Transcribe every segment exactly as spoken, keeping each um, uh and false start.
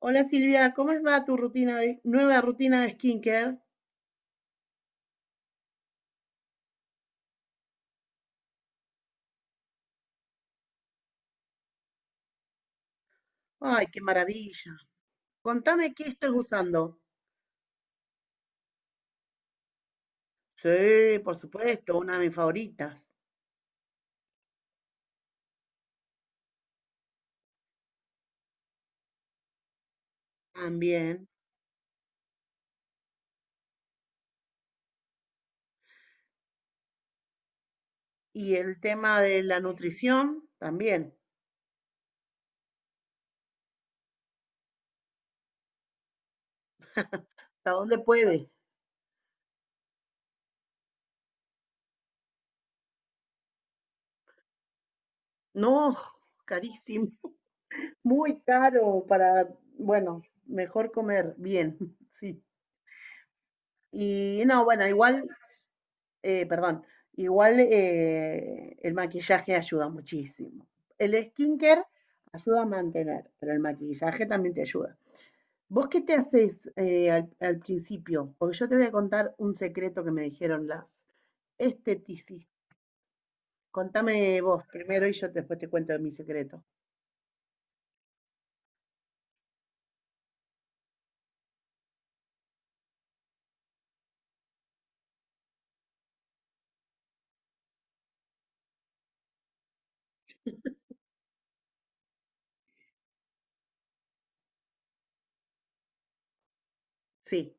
Hola Silvia, ¿cómo va tu rutina de, nueva rutina de skincare? Ay, qué maravilla. Contame qué estás usando. Sí, por supuesto, una de mis favoritas también. Y el tema de la nutrición también. ¿Hasta dónde puede? No, carísimo. Muy caro para, bueno, mejor comer bien, sí. Y no, bueno, igual. Eh, perdón, igual eh, el maquillaje ayuda muchísimo. El skincare ayuda a mantener, pero el maquillaje también te ayuda. ¿Vos qué te haces eh, al, al principio? Porque yo te voy a contar un secreto que me dijeron las esteticistas. Contame vos primero y yo después te cuento mi secreto. Sí,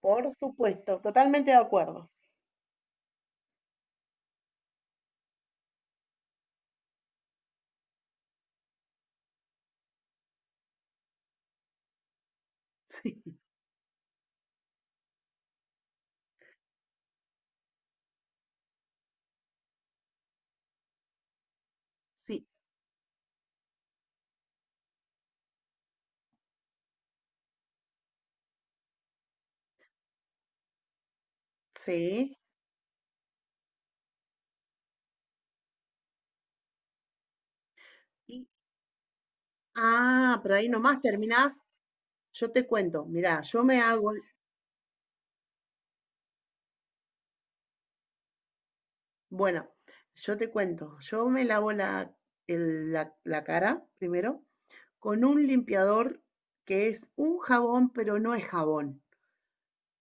por supuesto, totalmente de acuerdo. Sí, sí, sí. Y, ah, pero ahí nomás terminás. Yo te cuento, mirá, yo me hago. Bueno, yo te cuento, yo me lavo la, el- la- la cara primero con un limpiador que es un jabón, pero no es jabón.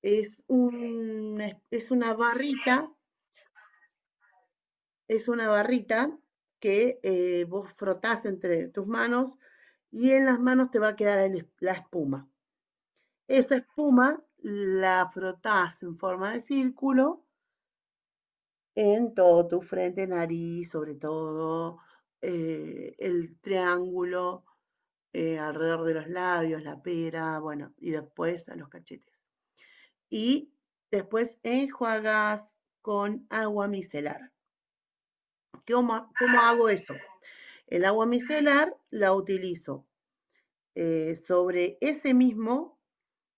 Es un, es una barrita, es una barrita que eh, vos frotás entre tus manos y en las manos te va a quedar el es- la espuma. Esa espuma la frotás en forma de círculo. En todo, tu frente, nariz, sobre todo, eh, el triángulo eh, alrededor de los labios, la pera, bueno, y después a los cachetes. Y después enjuagas con agua micelar. ¿Cómo, cómo hago eso? El agua micelar la utilizo eh, sobre ese mismo,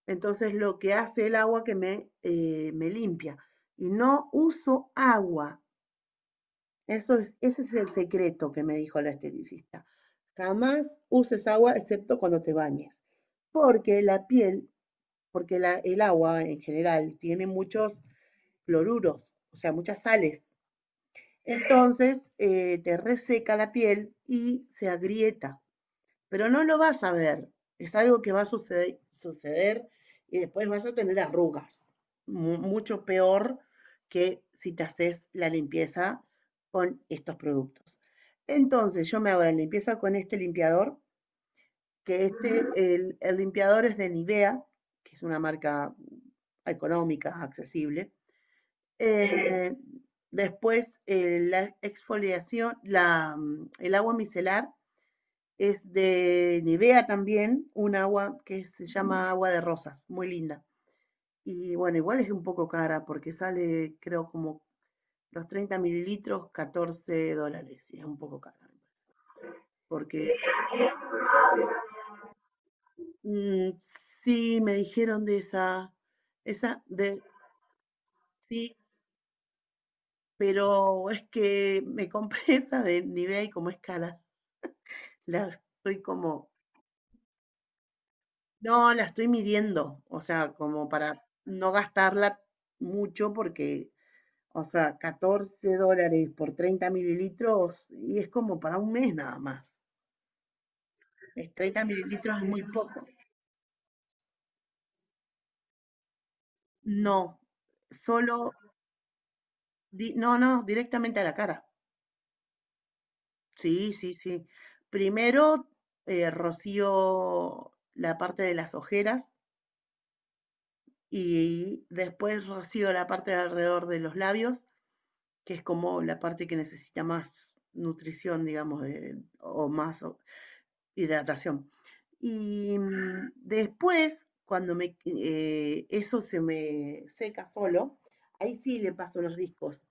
entonces lo que hace el agua que me, eh, me limpia. Y no uso agua. Eso es, ese es el secreto que me dijo la esteticista. Jamás uses agua excepto cuando te bañes, porque la piel, porque la- el agua en general tiene muchos cloruros, o sea, muchas sales. Entonces, eh, te reseca la piel y se agrieta, pero no lo vas a ver. Es algo que va a suceder, suceder, y después vas a tener arrugas, mu- mucho peor que si te haces la limpieza con estos productos. Entonces, yo me hago la limpieza con este limpiador, que este, el, el limpiador es de Nivea, que es una marca económica, accesible. Eh, Después, eh, la exfoliación, la, mm, el agua micelar es de Nivea también, un agua que se llama agua de rosas, muy linda. Y bueno, igual es un poco cara porque sale, creo, como los treinta mililitros, catorce dólares. Y es un poco cara, me parece. Porque mm, sí, me dijeron de esa, esa de sí, pero es que me compré esa de Nivea y como es cara, la estoy como, no, la estoy midiendo, o sea, como para no gastarla mucho porque. O sea, catorce dólares por treinta mililitros y es como para un mes nada más. Es treinta mililitros, es muy poco. No, solo, di- no, no, directamente a la cara. Sí, sí, sí. Primero eh, rocío la parte de las ojeras y después rocío la parte de alrededor de los labios, que es como la parte que necesita más nutrición, digamos, de- o más hidratación. Y mm, después, cuando me, eh, eso se me seca solo, ahí sí le paso los discos,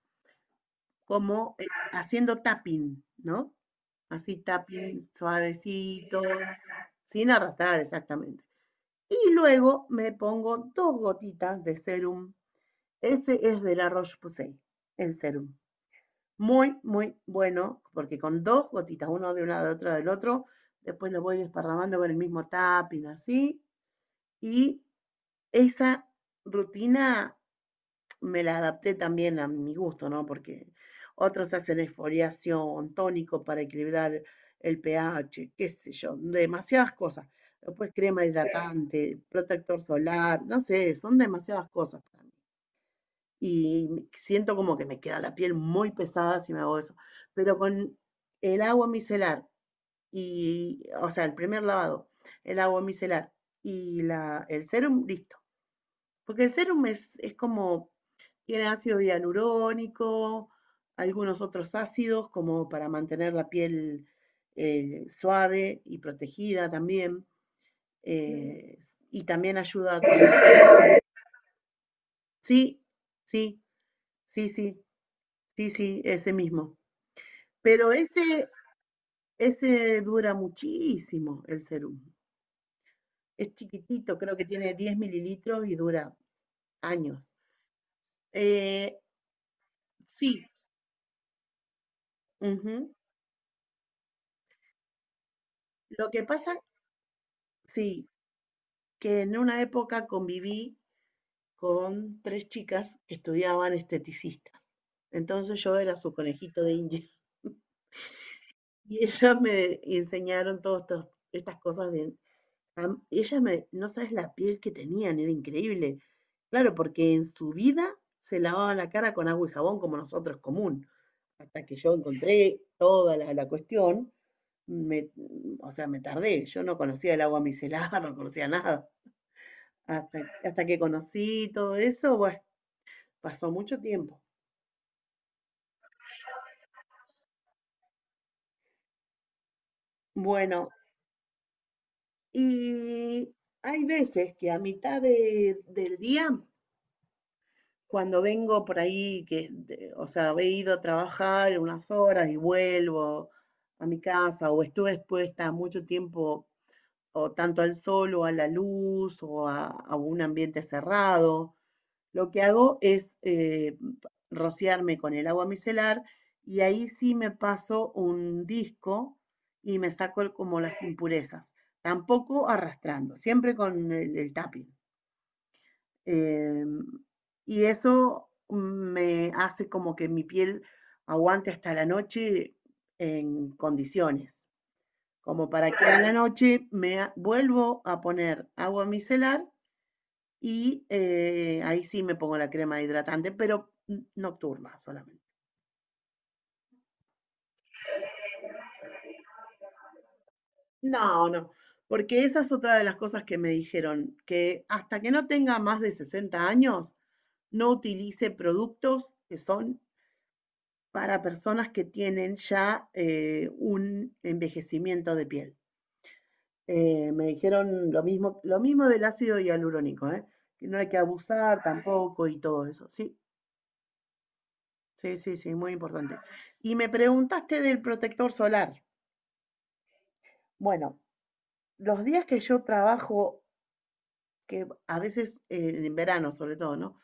como eh, haciendo tapping, ¿no? Así tapping sí, suavecito, sin arrastrar exactamente. Y luego me pongo dos gotitas de serum. Ese es de la Roche-Posay, el serum. Muy, muy bueno, porque con dos gotitas, uno de un lado, otro del otro, después lo voy desparramando con el mismo tapping, así. Y esa rutina me la adapté también a mi gusto, ¿no? Porque otros hacen esfoliación, tónico para equilibrar el pH, qué sé yo, demasiadas cosas. Después crema. Sí. Hidratante, protector solar, no sé, son demasiadas cosas. Para y siento como que me queda la piel muy pesada si me hago eso. Pero con el agua micelar y, o sea, el primer lavado, el agua micelar y la, el serum, listo. Porque el serum es, es como, tiene ácido hialurónico, algunos otros ácidos como para mantener la piel eh, suave y protegida también. eh, y también ayuda con... Sí, sí, sí, sí, sí, sí, ese mismo. Pero ese, ese dura muchísimo, el serum. Es chiquitito, creo que tiene diez mililitros y dura años. Eh, sí, ujú. Lo que pasa, sí, que en una época conviví con tres chicas que estudiaban esteticistas. Entonces yo era su conejito de India. Y ellas me enseñaron todas estas cosas de. Am- Ella me, no sabes la piel que tenían, era increíble. Claro, porque en su vida se lavaban la cara con agua y jabón como nosotros común. Hasta que yo encontré toda la, la cuestión, me, o sea, me tardé. Yo no conocía el agua micelar, no conocía nada. Hasta, hasta que conocí todo eso, bueno, pasó mucho tiempo. Bueno, y hay veces que a mitad de- del día, cuando vengo por ahí, que, de- o sea, he ido a trabajar unas horas y vuelvo a mi casa, o estuve expuesta mucho tiempo, o tanto al sol, o a la luz, o a, a un ambiente cerrado, lo que hago es eh, rociarme con el agua micelar y ahí sí me paso un disco y me saco el- como las impurezas, tampoco arrastrando, siempre con el, el tapping. Eh, y eso me hace como que mi piel aguante hasta la noche en condiciones, como para que a la noche me vuelvo a poner agua micelar y eh, ahí sí me pongo la crema hidratante, pero nocturna solamente. No, no, porque esa es otra de las cosas que me dijeron, que hasta que no tenga más de sesenta años, no utilice productos que son para personas que tienen ya eh, un envejecimiento de piel. Eh, me dijeron lo mismo, lo mismo del ácido hialurónico, ¿eh? Que no hay que abusar tampoco y todo eso. Sí, sí, sí, sí, muy importante. Y me preguntaste del protector solar. Bueno, los días que yo trabajo, que a veces eh, en verano sobre todo, ¿no?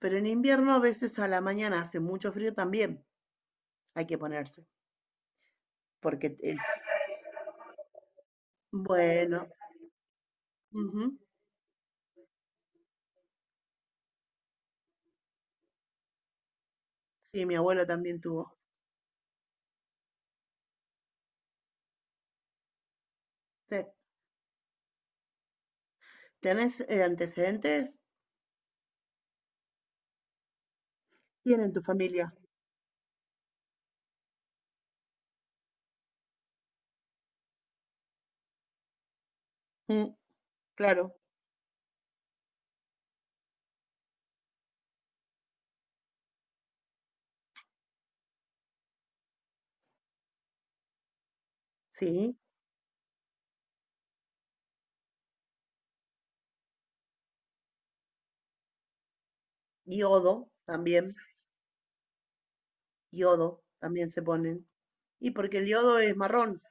Pero en invierno a veces a la mañana hace mucho frío también, hay que ponerse, porque el- bueno, ujú, sí, mi abuelo también tuvo. Sí. ¿Tienes eh, antecedentes? Tienen tu familia. Mm, claro, sí. Yodo también. Yodo también se ponen. Y porque el yodo es marrón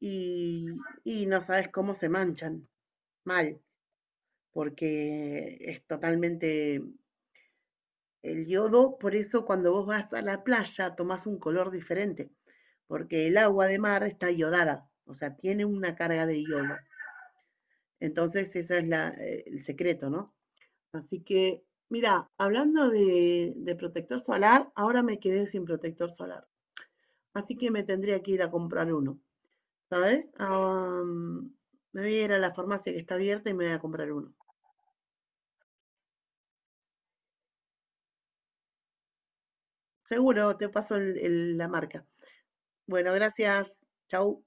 y, y no sabes cómo se manchan. Mal, porque es totalmente el yodo. Por eso cuando vos vas a la playa tomás un color diferente, porque el agua de mar está iodada, o sea, tiene una carga de yodo. Entonces, ese es la, eh, el secreto, ¿no? Así que, mira, hablando de, de protector solar, ahora me quedé sin protector solar. Así que me tendría que ir a comprar uno, ¿sabes? Ah, mm, me voy a ir a la farmacia que está abierta y me voy a comprar uno. Seguro, te paso el- el- la marca. Bueno, gracias. Chau.